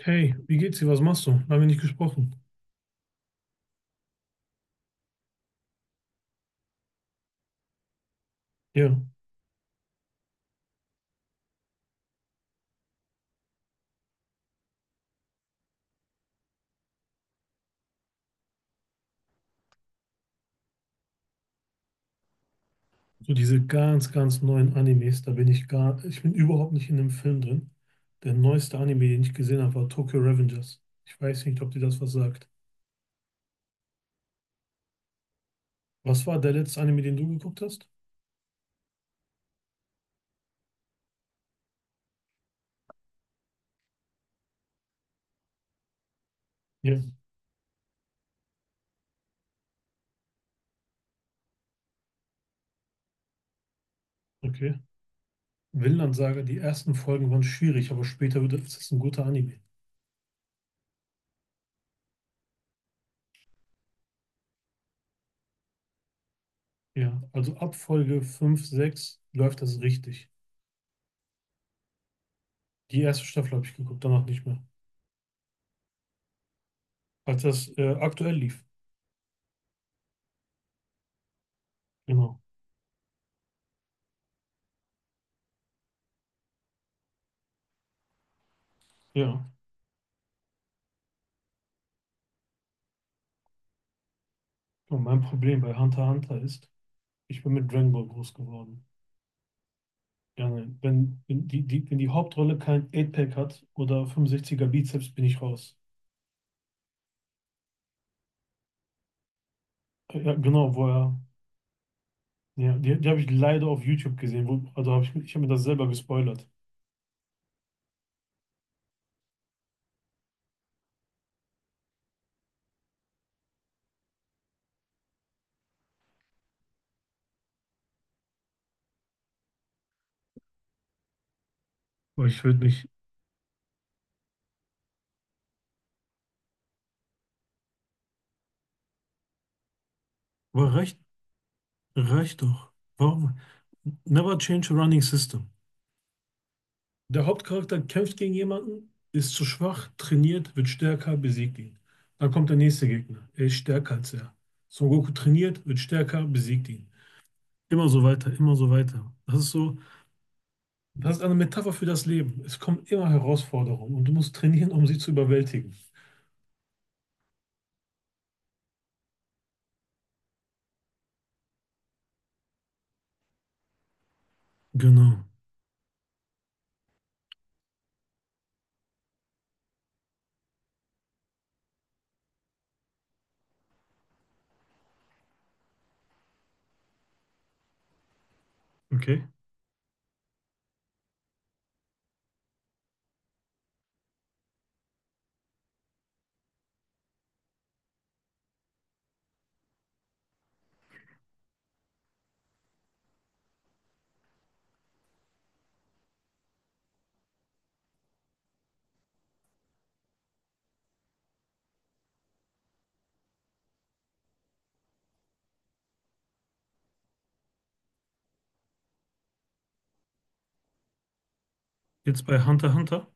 Hey, wie geht's dir? Was machst du? Lange nicht gesprochen. Ja, so diese ganz, ganz neuen Animes, da bin ich bin überhaupt nicht in dem Film drin. Der neueste Anime, den ich gesehen habe, war Tokyo Revengers. Ich weiß nicht, ob dir das was sagt. Was war der letzte Anime, den du geguckt hast? Ja, okay. Vinland Saga, die ersten Folgen waren schwierig, aber später wird es ist ein guter Anime. Ja, also ab Folge 5, 6 läuft das richtig. Die erste Staffel habe ich geguckt, danach nicht mehr. Als das aktuell lief. Genau. Ja. Und mein Problem bei Hunter x Hunter ist, ich bin mit Dragon Ball groß geworden. Ja, nein. Wenn die Hauptrolle kein 8-Pack hat oder 65er Bizeps, bin ich raus. Ja, genau, wo er. Ja, die habe ich leider auf YouTube gesehen. Also ich habe mir das selber gespoilert. Aber ich würde mich. Aber reicht doch. Warum? Never change a running system. Der Hauptcharakter kämpft gegen jemanden, ist zu schwach, trainiert, wird stärker, besiegt ihn. Dann kommt der nächste Gegner. Er ist stärker als er. Son Goku trainiert, wird stärker, besiegt ihn. Immer so weiter, immer so weiter. Das ist eine Metapher für das Leben. Es kommen immer Herausforderungen und du musst trainieren, um sie zu überwältigen. Genau. Okay. Jetzt bei Hunter x Hunter.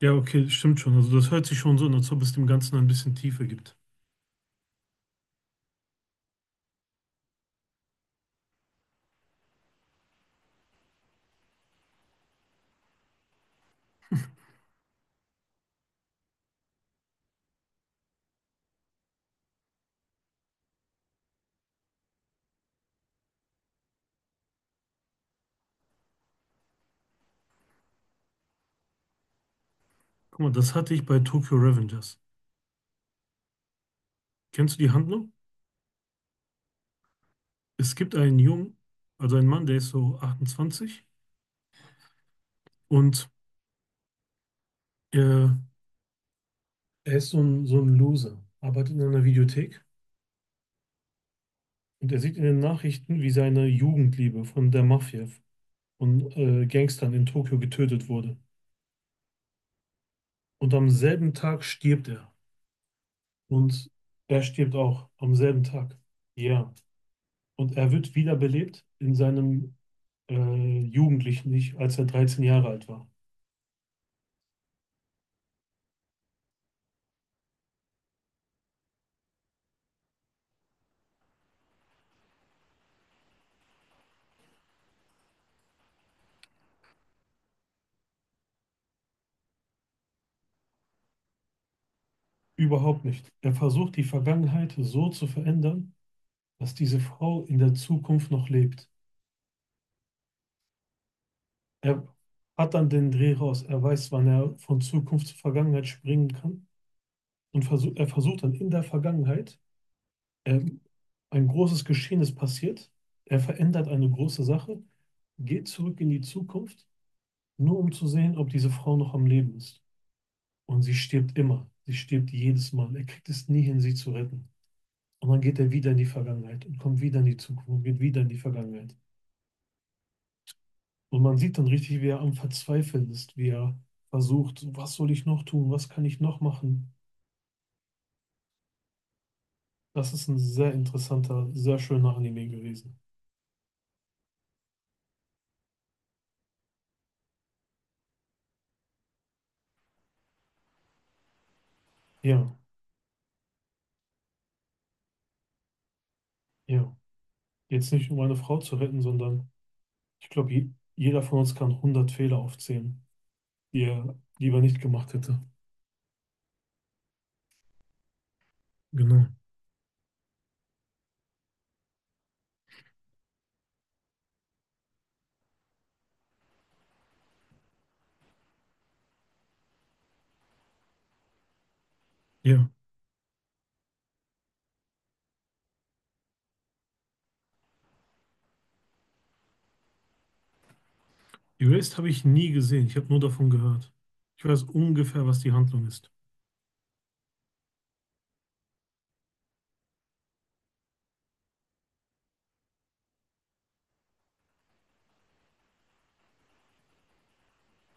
Ja, okay, stimmt schon. Also das hört sich schon so an, als ob es dem Ganzen ein bisschen Tiefe gibt. Guck mal, das hatte ich bei Tokyo Revengers. Kennst du die Handlung? Es gibt einen Jungen, also einen Mann, der ist so 28 und äh, er ist so ein Loser, arbeitet in einer Videothek und er sieht in den Nachrichten, wie seine Jugendliebe von Gangstern in Tokio getötet wurde. Und am selben Tag stirbt er. Und er stirbt auch am selben Tag. Ja. Und er wird wiederbelebt in seinem jugendlichen Ich, als er 13 Jahre alt war. Überhaupt nicht. Er versucht, die Vergangenheit so zu verändern, dass diese Frau in der Zukunft noch lebt. Er hat dann den Dreh raus. Er weiß, wann er von Zukunft zur Vergangenheit springen kann. Und er versucht dann in der Vergangenheit, ähm, ein großes Geschehen ist passiert. Er verändert eine große Sache, geht zurück in die Zukunft, nur um zu sehen, ob diese Frau noch am Leben ist. Und sie stirbt immer. Sie stirbt jedes Mal. Er kriegt es nie hin, sie zu retten. Und dann geht er wieder in die Vergangenheit und kommt wieder in die Zukunft und geht wieder in die Vergangenheit. Und man sieht dann richtig, wie er am Verzweifeln ist, wie er versucht, was soll ich noch tun, was kann ich noch machen. Das ist ein sehr interessanter, sehr schöner Anime gewesen. Ja, ja. Jetzt nicht um eine Frau zu retten, sondern ich glaube, jeder von uns kann 100 Fehler aufzählen, die er lieber nicht gemacht hätte. Genau. Ja. Erased habe ich nie gesehen. Ich habe nur davon gehört. Ich weiß ungefähr, was die Handlung ist.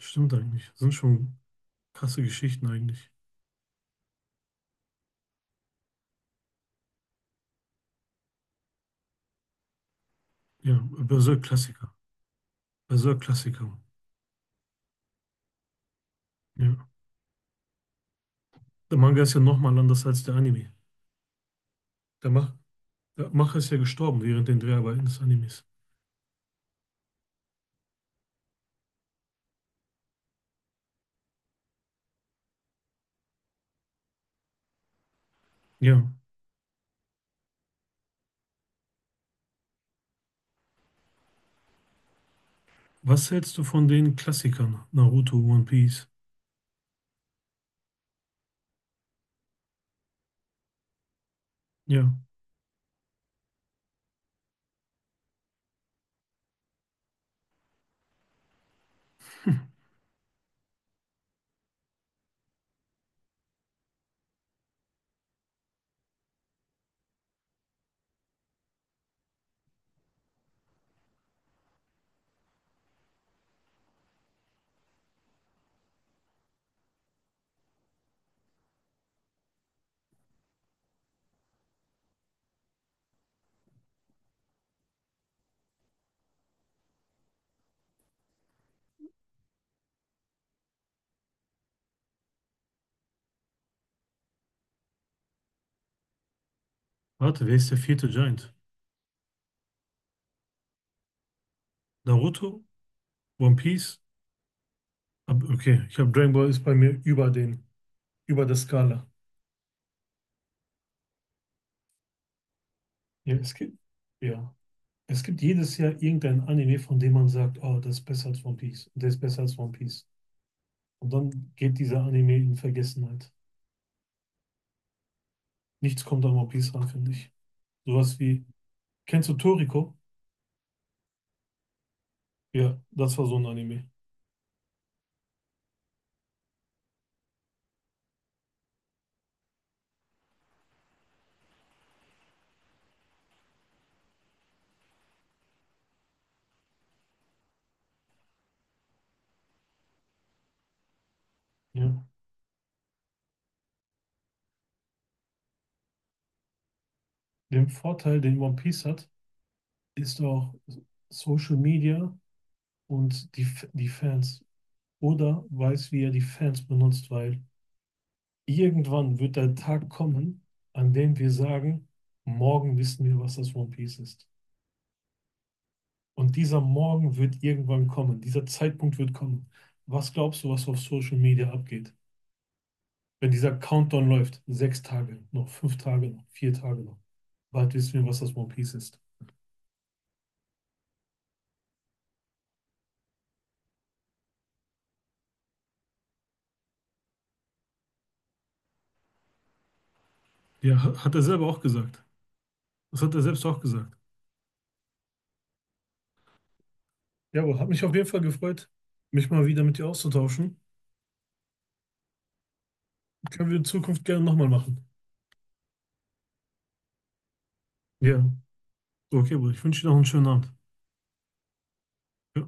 Stimmt eigentlich. Sind schon krasse Geschichten eigentlich. Ja, Berserk-Klassiker. Berserk-Klassiker. Ja. Der Manga ist ja nochmal anders als der Anime. Der, Mach der Macher ist ja gestorben während den Dreharbeiten des Animes. Ja. Was hältst du von den Klassikern? Naruto, One Piece? Ja. Warte, wer ist der vierte Giant? Naruto? One Piece? Okay, ich habe Dragon Ball ist bei mir über der Skala. Ja, es gibt, ja. Es gibt jedes Jahr irgendein Anime, von dem man sagt, oh, das ist besser als One Piece. Der ist besser als One Piece. Und dann geht dieser Anime in Vergessenheit. Nichts kommt an One Piece ran, finde ich. Sowas wie Kennst du Toriko? Ja, das war so ein Anime. Ja. Den Vorteil, den One Piece hat, ist auch Social Media und die Fans. Oda weiß, wie er die Fans benutzt, weil irgendwann wird der Tag kommen, an dem wir sagen, morgen wissen wir, was das One Piece ist. Und dieser Morgen wird irgendwann kommen, dieser Zeitpunkt wird kommen. Was glaubst du, was auf Social Media abgeht? Wenn dieser Countdown läuft, 6 Tage noch, 5 Tage noch, 4 Tage noch, bald wissen wir, was das One Piece ist. Ja, hat er selber auch gesagt. Das hat er selbst auch gesagt. Ja, aber hat mich auf jeden Fall gefreut, mich mal wieder mit dir auszutauschen. Können wir in Zukunft gerne nochmal machen. Ja. Okay, Bruder, ich wünsche dir noch einen schönen Abend. Ja.